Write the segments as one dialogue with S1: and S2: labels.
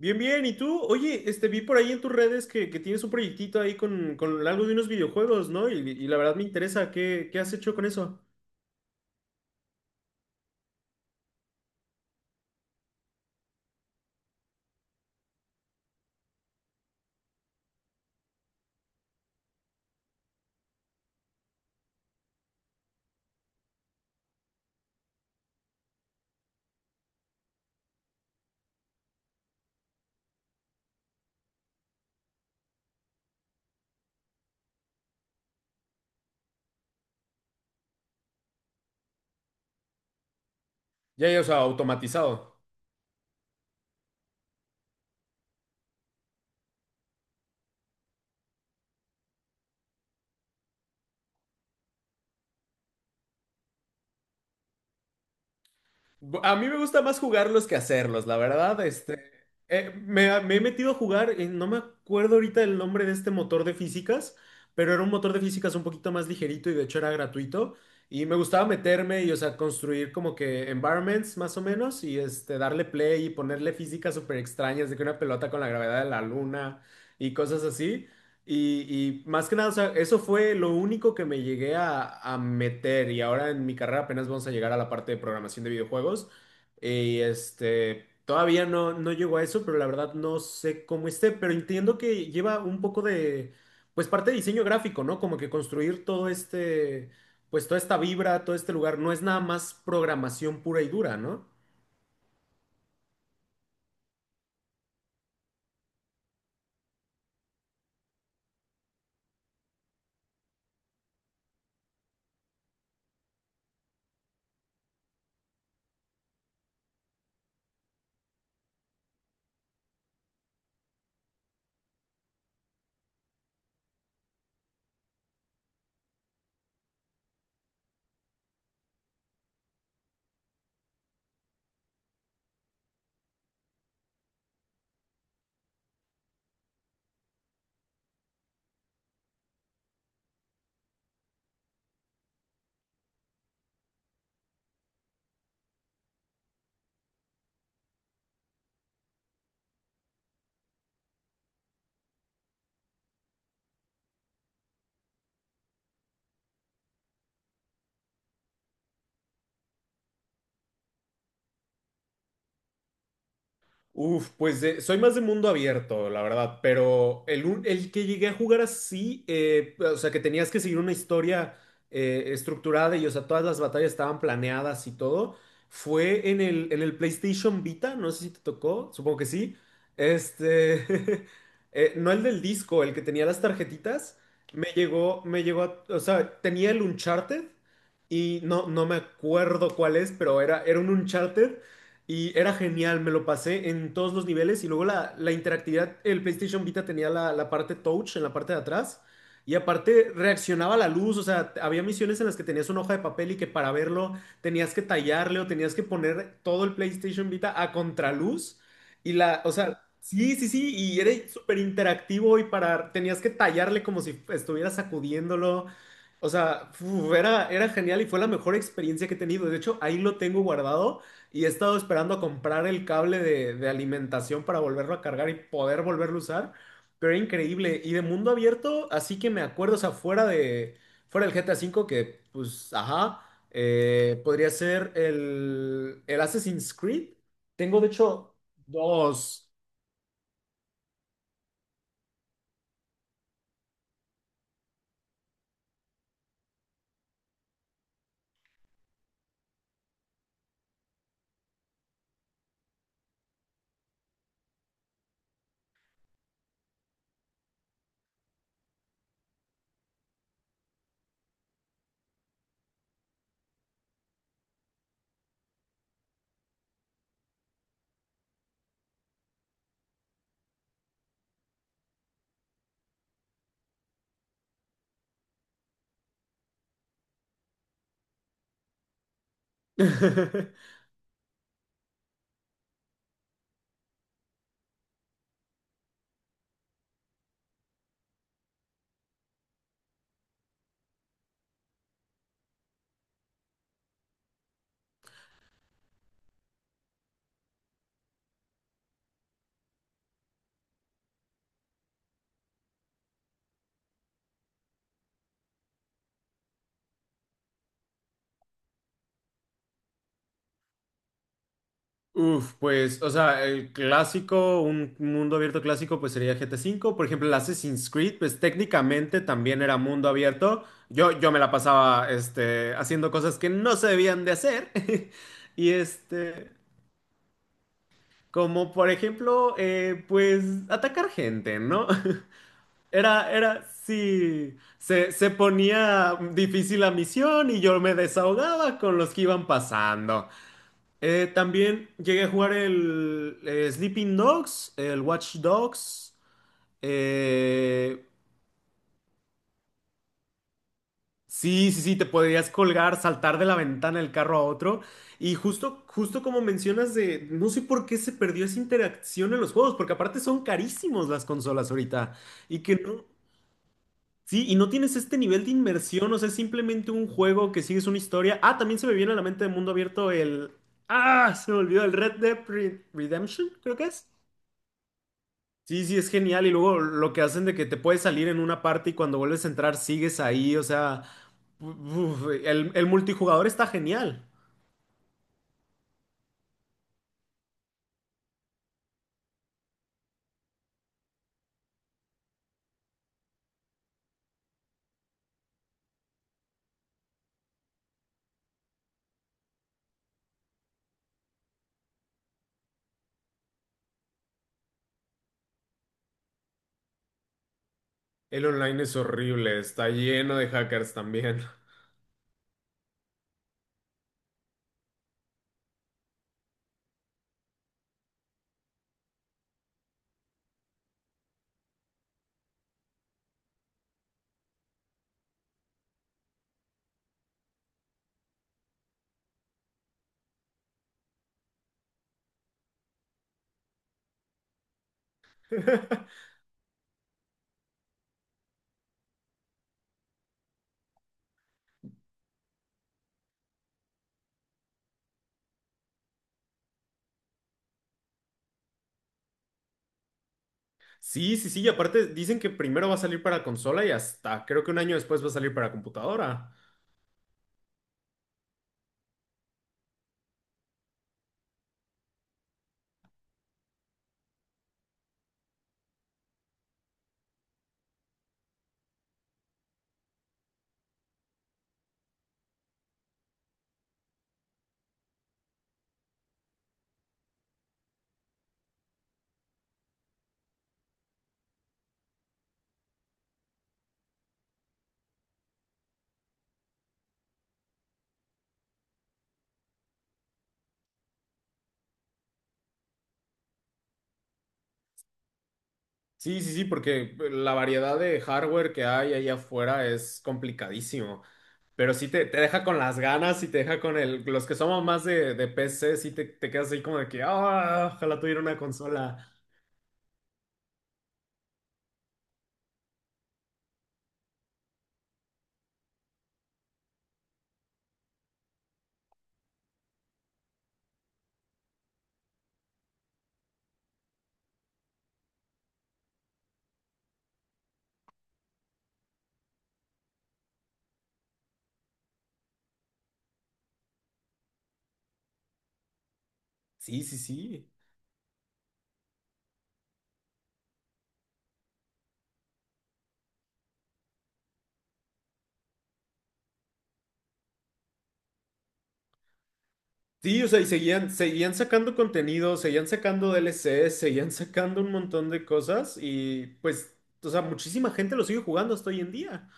S1: Bien, bien. ¿Y tú? Oye, vi por ahí en tus redes que tienes un proyectito ahí con algo de unos videojuegos, ¿no? Y la verdad me interesa, ¿qué has hecho con eso? Ya, ya, o sea, automatizado. A mí me gusta más jugarlos que hacerlos, la verdad. Me he metido a jugar, no me acuerdo ahorita el nombre de este motor de físicas, pero era un motor de físicas un poquito más ligerito y de hecho era gratuito. Y me gustaba meterme y, o sea, construir como que environments más o menos y este, darle play y ponerle físicas súper extrañas de que una pelota con la gravedad de la luna y cosas así. Y más que nada, o sea, eso fue lo único que me llegué a meter y ahora en mi carrera apenas vamos a llegar a la parte de programación de videojuegos. Y este, todavía no, no llego a eso, pero la verdad no sé cómo esté, pero entiendo que lleva un poco de, pues parte de diseño gráfico, ¿no? Como que construir todo este, pues toda esta vibra, todo este lugar, no es nada más programación pura y dura, ¿no? Uf, pues soy más de mundo abierto, la verdad, pero el que llegué a jugar así, o sea, que tenías que seguir una historia estructurada y, o sea, todas las batallas estaban planeadas y todo, fue en en el PlayStation Vita, no sé si te tocó, supongo que sí, este, no el del disco, el que tenía las tarjetitas, o sea, tenía el Uncharted. Y no, no me acuerdo cuál es, pero era un Uncharted y era genial, me lo pasé en todos los niveles. Y luego la interactividad, el PlayStation Vita tenía la parte touch en la parte de atrás. Y aparte reaccionaba a la luz, o sea, había misiones en las que tenías una hoja de papel y que para verlo tenías que tallarle o tenías que poner todo el PlayStation Vita a contraluz. Y la, o sea, sí, sí, sí, y era súper interactivo y para, tenías que tallarle como si estuvieras sacudiéndolo. O sea, uf, era genial y fue la mejor experiencia que he tenido. De hecho, ahí lo tengo guardado y he estado esperando comprar el cable de alimentación para volverlo a cargar y poder volverlo a usar. Pero era increíble. Y de mundo abierto, así que me acuerdo, o sea, fuera del GTA V, que pues, ajá, podría ser el Assassin's Creed. Tengo de hecho dos. Uf, pues, o sea, el clásico, un mundo abierto clásico, pues sería GTA V. Por ejemplo, el Assassin's Creed, pues técnicamente también era mundo abierto. Yo me la pasaba, este, haciendo cosas que no se debían de hacer. Y este, como por ejemplo, pues, atacar gente, ¿no? Sí, se ponía difícil la misión y yo me desahogaba con los que iban pasando. También llegué a jugar el Sleeping Dogs, el Watch Dogs. eh, sí, sí, sí, te podrías colgar, saltar de la ventana del carro a otro. Y justo como mencionas de, no sé por qué se perdió esa interacción en los juegos, porque aparte son carísimos las consolas ahorita. Y que no, sí, y no tienes este nivel de inmersión, o sea, es simplemente un juego que sigues una historia. Ah, también se me viene a la mente de mundo abierto el... Ah, se me olvidó el Redemption, creo que es. Sí, sí, es genial. Y luego lo que hacen de que te puedes salir en una parte y cuando vuelves a entrar sigues ahí. O sea, uf, el multijugador está genial. El online es horrible, está lleno de hackers también. Sí, sí, sí. Y aparte dicen que primero va a salir para consola y hasta creo que un año después va a salir para computadora. Sí, sí, sí, porque la variedad de hardware que hay allá afuera es complicadísimo. Pero sí te deja con las ganas y te deja con el. Los que somos más de PC, sí te quedas ahí como de que, ah, ojalá tuviera una consola. Sí, sí, sí. Sí, o sea, y seguían sacando contenido, seguían sacando DLCs, seguían sacando un montón de cosas y pues, o sea, muchísima gente lo sigue jugando hasta hoy en día.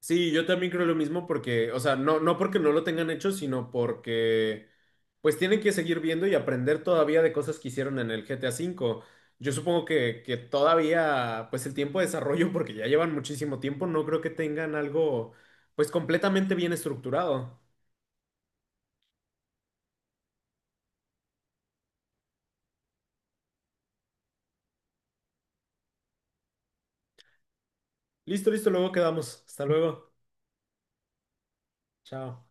S1: Sí, yo también creo lo mismo porque, o sea, no porque no lo tengan hecho, sino porque pues tienen que seguir viendo y aprender todavía de cosas que hicieron en el GTA V. Yo supongo que todavía, pues el tiempo de desarrollo, porque ya llevan muchísimo tiempo, no creo que tengan algo pues completamente bien estructurado. Listo, listo, luego quedamos. Hasta luego. Chao.